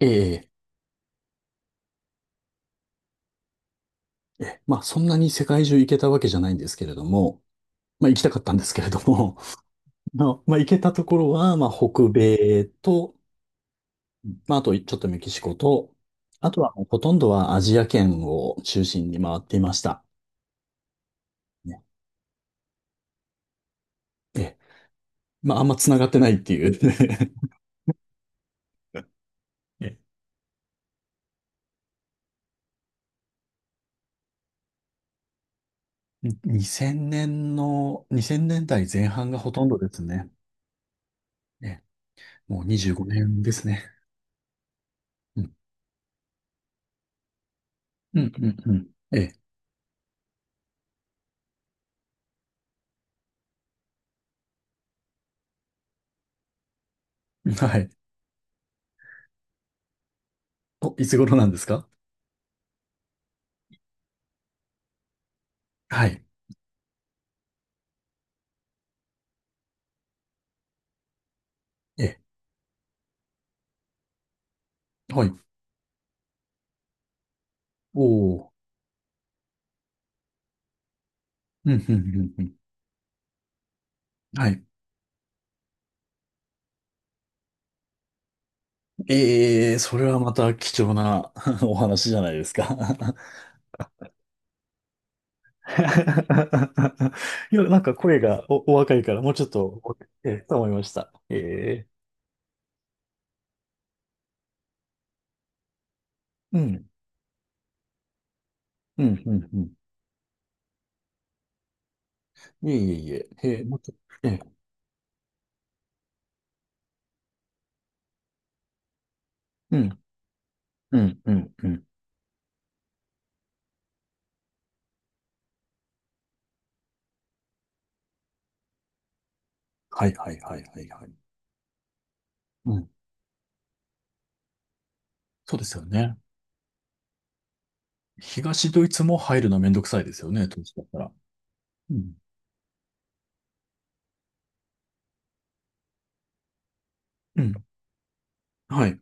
ええ、ええそんなに世界中行けたわけじゃないんですけれども、まあ行きたかったんですけれども、まあ、まあ行けたところは、まあ北米と、まああとちょっとメキシコと、あとはもうほとんどはアジア圏を中心に回っていました。ね。ええ、まああんま繋がってないっていう。 ええ。2000年の、2000年代前半がほとんどですね。ええ、もう25年ですね。うん、うん、うん。うん。ええ、はい。お、いつ頃なんですか？はい。ええ、はい。おおー。うん、うん、うんうん。はい。ええ、それはまた貴重な お話じゃないですか。いや、なんか声がお、お若いから、もうちょっとお、ええ、と思いました。ええ、うん、うん、うん、うん。いえいえいえ、ええ、もっと、ええ、うん、うん、うん、うん。はいはいはいはいはい。うん、そうですよね。東ドイツも入るのめんどくさいですよね、当時だったら。うん、うん、はい。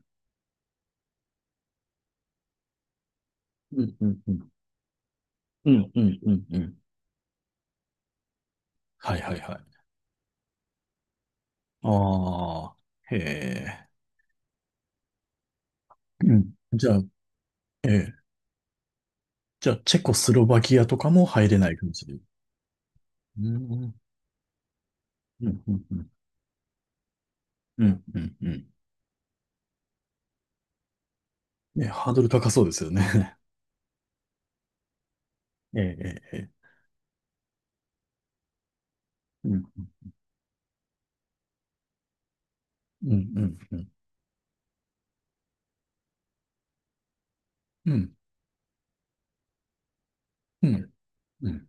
うん、うん、うん。うん、うん、うん、うん。はいはいはい。ああ、へえ。うん。じゃあ、ええ。じゃあ、チェコスロバキアとかも入れない感じで。うん、うん、うん、うん、うん、うん。うん。ね、ハードル高そうですよね。ええ、ええ、ええ。うん、うん、うん、うん、うん、うん、うん。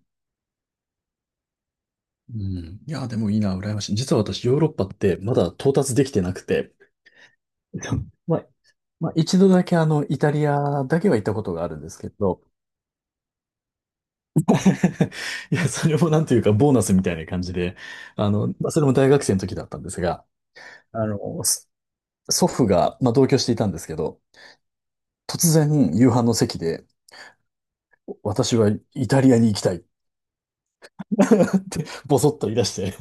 うん、いや、でもいいな、羨ましい。実は私、ヨーロッパってまだ到達できてなくて、まあ、まあ、一度だけあの、イタリアだけは行ったことがあるんですけど、いや、それもなんていうか、ボーナスみたいな感じで、あの、まあそれも大学生の時だったんですが、あの、そ祖父が、まあ、同居していたんですけど、突然夕飯の席で、私はイタリアに行きたい ってボソッと言い出して。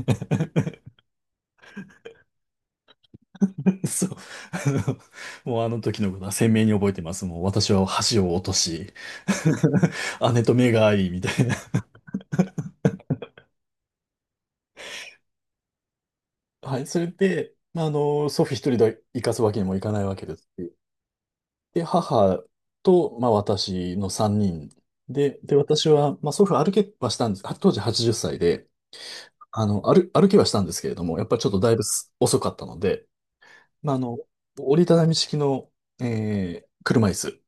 そう、あの、もうあの時のことは鮮明に覚えてます。もう私は箸を落とし、 姉と目が合い、みたいな。はい、それで、まあ、あの、祖父一人で行かすわけにもいかないわけですし。で、母と、まあ、私の3人で、で、私は、まあ、祖父歩けはしたんです。当時80歳で、あの、歩、歩きはしたんですけれども、やっぱりちょっとだいぶす遅かったので、まあ、あの、折りたたみ式の、車椅子、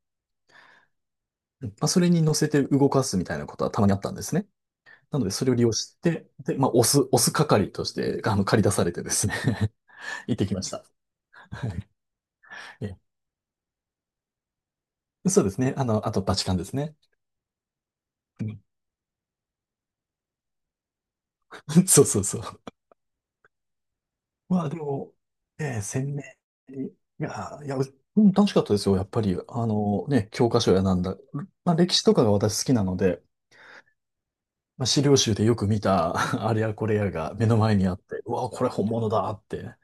まあ、それに乗せて動かすみたいなことはたまにあったんですね。なので、それを利用して、で、まあ、押す、押す係として、あの、借り出されてですね。 行ってきました。ええ、そうですね。あの、あと、バチカンですね。うん。 そうそうそう。まあ、でも、ええ鮮明に、いや、いや、うん、楽しかったですよ。やっぱり、あのね、教科書やなんだ。まあ、歴史とかが私好きなので、まあ、資料集でよく見た あれやこれやが目の前にあって、うわ、これ本物だって。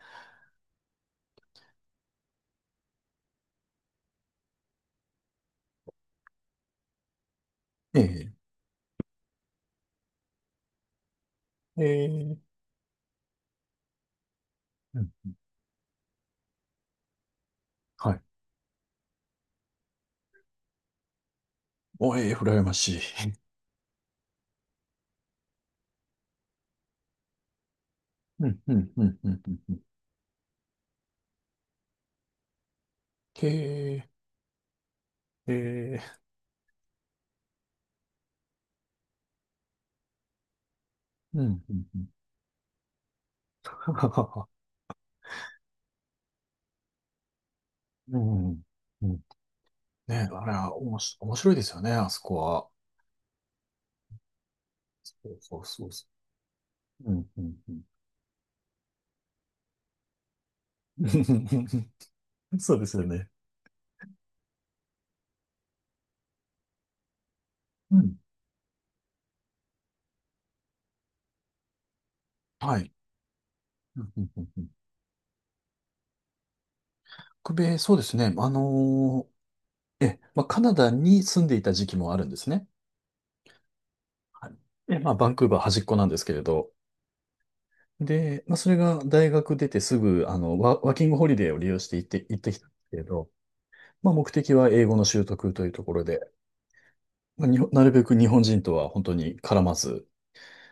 ええ、ええ、うん、はい。おい、羨ましい。うん、うん、うん、うん、うん。うん。へえ、ええ、うん、うん、うん。はははは。うん、うん。ねえ、あれはおもし、面白いですよね、あそこは。そうそうそうそう。うん、うん、うん。そうですよね。うん。はい。うん、うん、うん。うん、北米、そうですね。あのー、ええ、まあ、カナダに住んでいた時期もあるんですね。はい。で、まあ、バンクーバー端っこなんですけれど。で、まあ、それが大学出てすぐ、あの、ワ、ワーキングホリデーを利用して行って、行ってきたんですけれど、まあ、目的は英語の習得というところで、まあ、日本なるべく日本人とは本当に絡まず、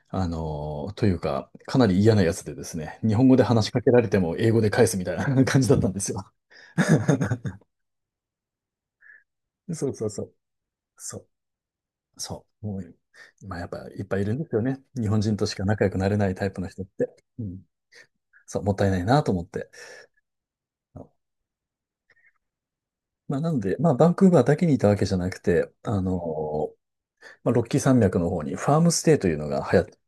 あの、というか、かなり嫌なやつでですね、日本語で話しかけられても英語で返すみたいな 感じだったんですよ。そうそうそう。そうそう。もう、まあやっぱいっぱいいるんですよね。日本人としか仲良くなれないタイプの人って。うん。そう、もったいないなと思って。まあなので、まあバンクーバーだけにいたわけじゃなくて、あの、まあロッキー山脈の方にファームステイというのが流行って、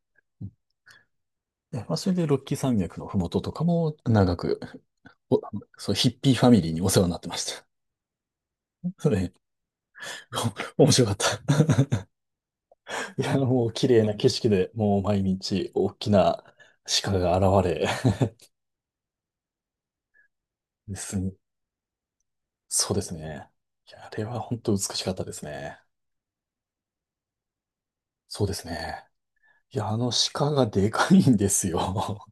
でまあそれでロッキー山脈のふもととかも長く、お、あのそう、ヒッピーファミリーにお世話になってました。それ、お 面白かった。いや、もう綺麗な景色で、もう毎日大きな鹿が現れ、ですね。そうですね。いや、あれは本当美しかったですね。そうですね。いや、あの鹿がでかいんですよ。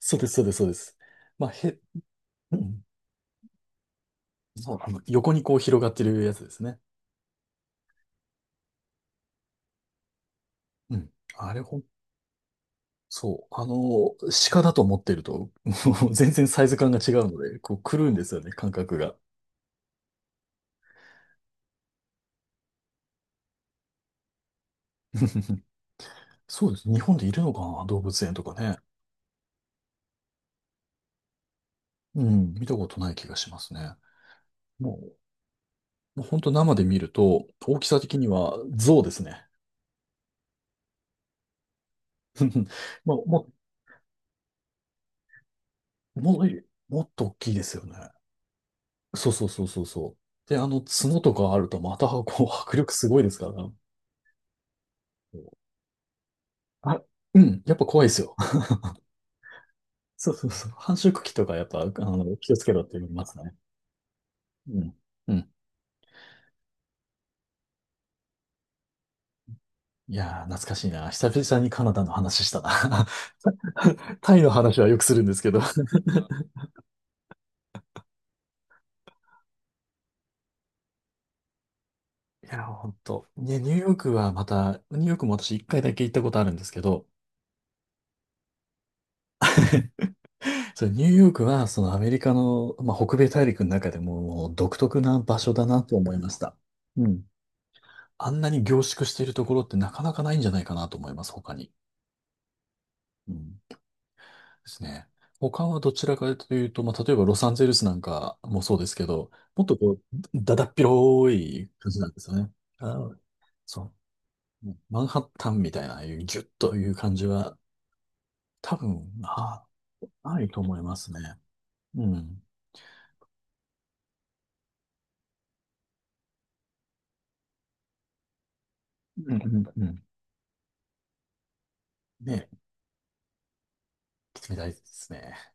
そうです、そうです、そうです。まあ、へ、うん、そう、あの、横にこう広がってるやつですね。うん。あれほん、そう、あの、鹿だと思ってると、もう全然サイズ感が違うので、こう狂うんですよね、感覚が。そうです。日本でいるのかな、動物園とかね。うん、見たことない気がしますね。もう、もう本当生で見ると、大きさ的には象ですね。まあ、も、も、もっと大きいですよね。そうそうそうそうそう。で、あの、角とかあるとまた、こう、迫力すごいですからね。あ、うん、やっぱ怖いですよ。そうそうそう。繁殖期とかやっぱ、あの、気をつけろって言いますね。うん。うん。いやー、懐かしいな。久々にカナダの話したな。タイの話はよくするんですけど。いやー、ほんと。ね、ニューヨークはまた、ニューヨークも私一回だけ行ったことあるんですけど、それニューヨークは、そのアメリカの、まあ、北米大陸の中でも、もう独特な場所だなと思いました。うん。あんなに凝縮しているところってなかなかないんじゃないかなと思います、他に。うん。ですね。他はどちらかというと、まあ、例えばロサンゼルスなんかもそうですけど、もっとこう、だだっ広い感じなんですよね。あ、そう。うん、マンハッタンみたいな、ああいうギュッという感じは、多分、あ、ないと思いますね。うん。うんうんうん。ね、来てみたいですね。